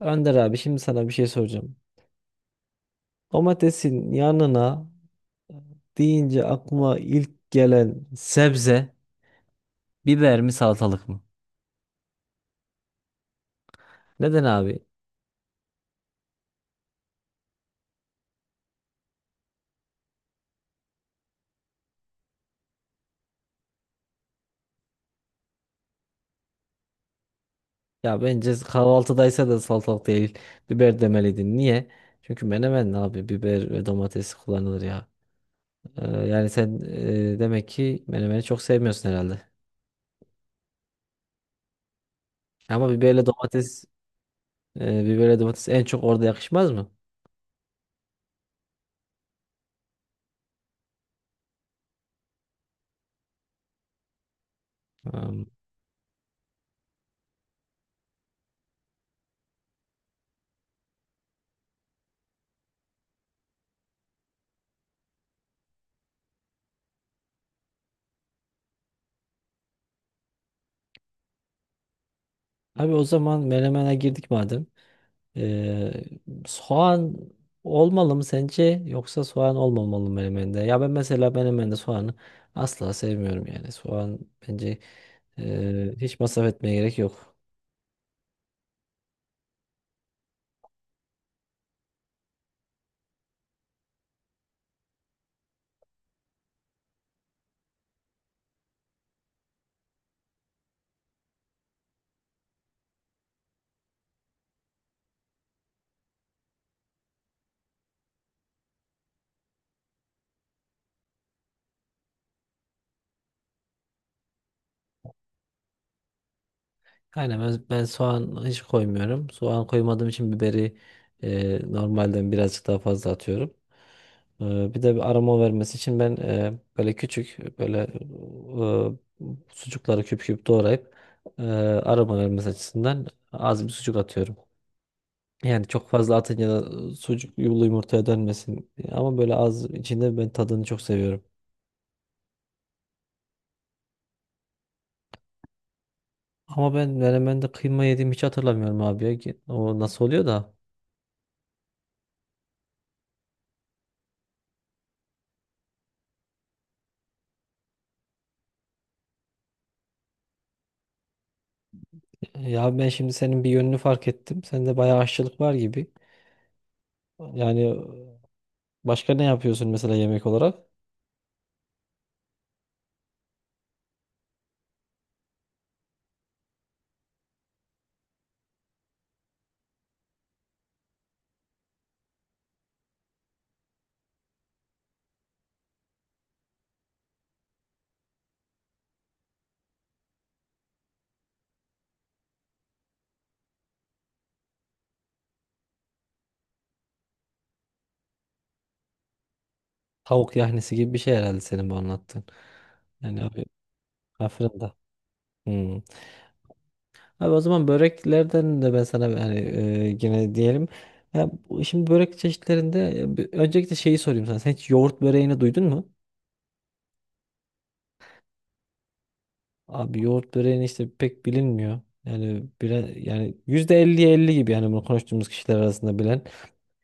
Önder abi şimdi sana bir şey soracağım. Domatesin yanına e, deyince aklıma ilk gelen sebze biber mi salatalık mı? Neden abi? Ya bence kahvaltıdaysa da salatalık değil biber demeliydin. Niye? Çünkü menemen abi biber ve domates kullanılır ya. Yani sen demek ki menemeni çok sevmiyorsun herhalde. Ama biberle domates en çok orada yakışmaz mı? Hmm. Abi o zaman menemene girdik madem. Ee, soğan olmalı mı sence yoksa soğan olmamalı mı menemende? Ya ben mesela menemende soğanı asla sevmiyorum yani. Soğan bence hiç masraf etmeye gerek yok. Aynen ben soğan hiç koymuyorum. Soğan koymadığım için biberi normalden birazcık daha fazla atıyorum. Bir de bir aroma vermesi için ben böyle küçük böyle sucukları küp küp doğrayıp e, aroma vermesi açısından az bir sucuk atıyorum. Yani çok fazla atınca da sucuk yulu yumurtaya dönmesin. Ama böyle az içinde ben tadını çok seviyorum. Ama ben menemende kıyma yediğimi hiç hatırlamıyorum abi ya. Ki o nasıl oluyor da? Ya ben şimdi senin bir yönünü fark ettim. Sende bayağı aşçılık var gibi. Yani başka ne yapıyorsun mesela yemek olarak? Tavuk yahnisi gibi bir şey herhalde senin bu anlattığın. Yani abi aferin de. Hmm. Abi o zaman böreklerden de ben sana yani yine diyelim. Ya, şimdi börek çeşitlerinde öncelikle şeyi sorayım sana. Sen hiç yoğurt böreğini duydun mu? Abi yoğurt böreğini işte pek bilinmiyor. Yani yani %50'ye 50 gibi yani bunu konuştuğumuz kişiler arasında bilen.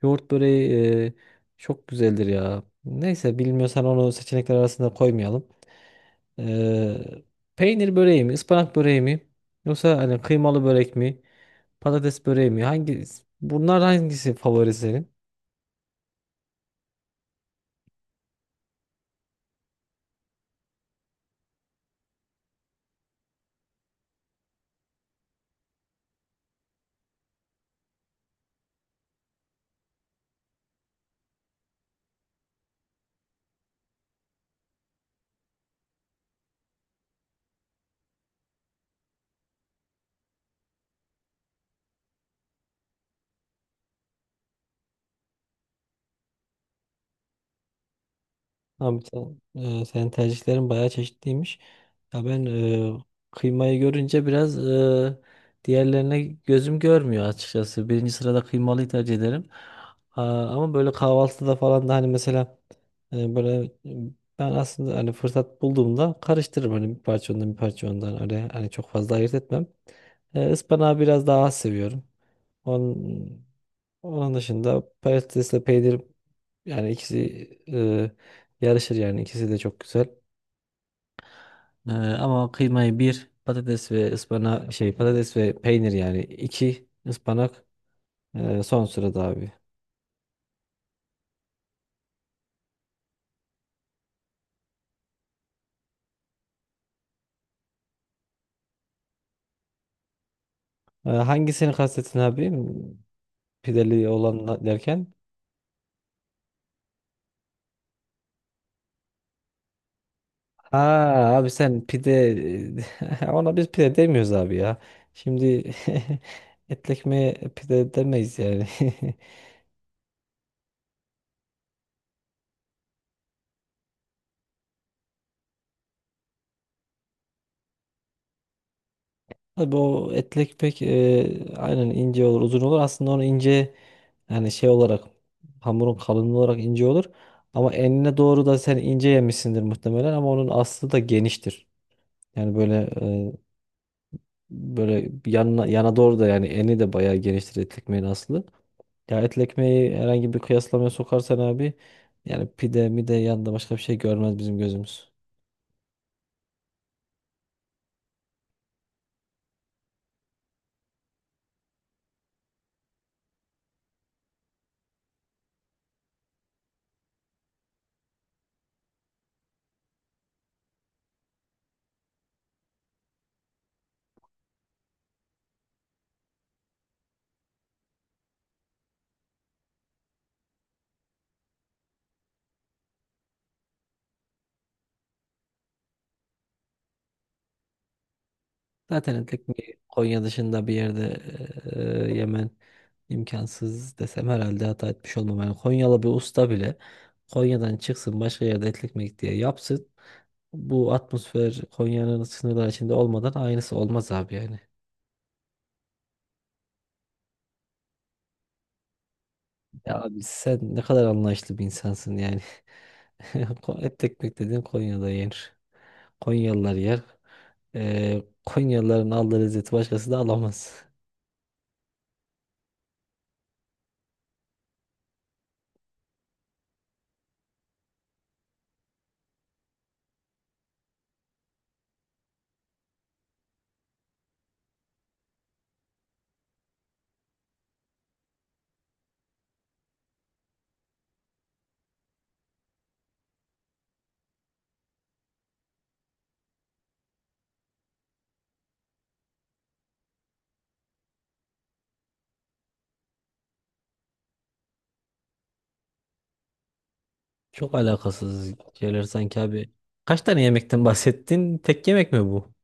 Yoğurt böreği e, çok güzeldir ya. Neyse bilmiyorsan onu seçenekler arasında koymayalım. Ee, peynir böreği mi, ıspanak böreği mi? Yoksa hani kıymalı börek mi? Patates böreği mi? Bunlar hangisi favori senin? Abi senin tercihlerin bayağı çeşitliymiş. Ya ben kıymayı görünce biraz diğerlerine gözüm görmüyor açıkçası. Birinci sırada kıymalıyı tercih ederim. Ama böyle kahvaltıda falan da hani mesela böyle ben aslında hani fırsat bulduğumda karıştırırım hani bir parça ondan bir parça ondan öyle hani çok fazla ayırt etmem. Ispanağı biraz daha az seviyorum. Onun, onun dışında patatesle peynir yani ikisi e, Yarışır yani ikisi de çok güzel. Ama kıymayı patates ve ıspana şey patates ve peynir yani iki ıspanak son sırada abi. Hangisini kastettin abi? Pideli olan derken? Ha abi sen pide ona biz pide demiyoruz abi ya. Şimdi etli ekmeğe pide demeyiz yani. Tabii o etlek pek aynen ince olur, uzun olur. Aslında onu ince yani şey olarak hamurun kalınlığı olarak ince olur. Ama enine doğru da sen ince yemişsindir muhtemelen ama onun aslı da geniştir. Yani böyle e, böyle yanına yana doğru da yani eni de bayağı geniştir etli ekmeğin aslı. Ya etli ekmeği herhangi bir kıyaslamaya sokarsan abi yani pide mide yanında başka bir şey görmez bizim gözümüz. Zaten etlik bir Konya dışında bir yerde yemen imkansız desem herhalde hata etmiş olmam. Yani Konyalı bir usta bile Konya'dan çıksın başka yerde etli ekmek diye yapsın. Bu atmosfer Konya'nın sınırları içinde olmadan aynısı olmaz abi yani. Ya abi sen ne kadar anlayışlı bir insansın yani. Etli ekmek dediğin Konya'da yenir. Konyalılar yer. Konyalıların aldığı lezzeti başkası da alamaz. Çok alakasız şeyler sanki abi. Kaç tane yemekten bahsettin? Tek yemek mi bu?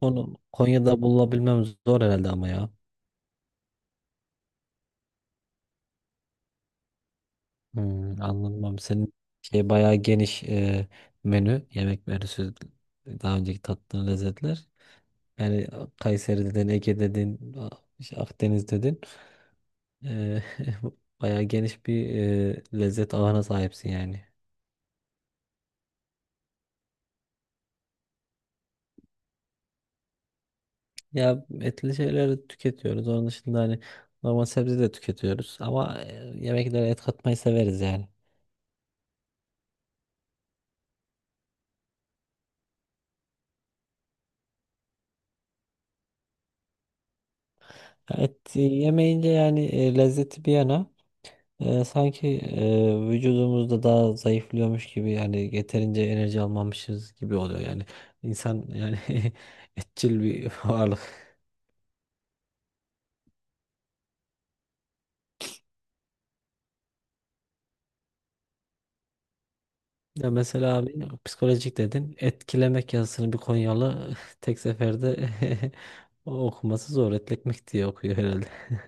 Onu Konya'da bulabilmem zor herhalde ama ya. Hmm, anlamam. Senin şey bayağı geniş menü. Yemek menüsü daha önceki tattığın lezzetler. Yani Kayseri dedin, Ege dedin, işte Akdeniz dedin. E, bayağı geniş bir lezzet ağına sahipsin yani. Ya etli şeyleri tüketiyoruz. Onun dışında hani normal sebze de tüketiyoruz. Ama yemeklere et katmayı severiz yani. Et yemeyince yani lezzeti bir yana sanki vücudumuzda daha zayıflıyormuş gibi yani yeterince enerji almamışız gibi oluyor yani. İnsan yani etçil bir varlık. Ya mesela abi psikolojik dedin. Etkilemek yazısını bir Konyalı tek seferde okuması zor. Etlekmek diye okuyor herhalde.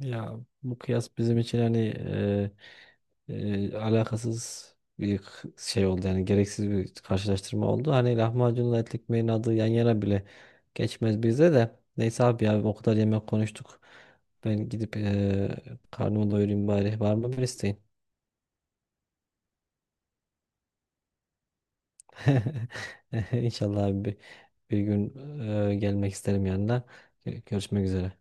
Ya bu kıyas bizim için hani alakasız bir şey oldu yani gereksiz bir karşılaştırma oldu. Hani lahmacunla etli ekmeğin adı yan yana bile geçmez bize de. Neyse abi ya o kadar yemek konuştuk. Ben gidip karnımı doyurayım bari. Var mı bir isteğin? İnşallah abi bir gün gelmek isterim yanına. Görüşmek üzere.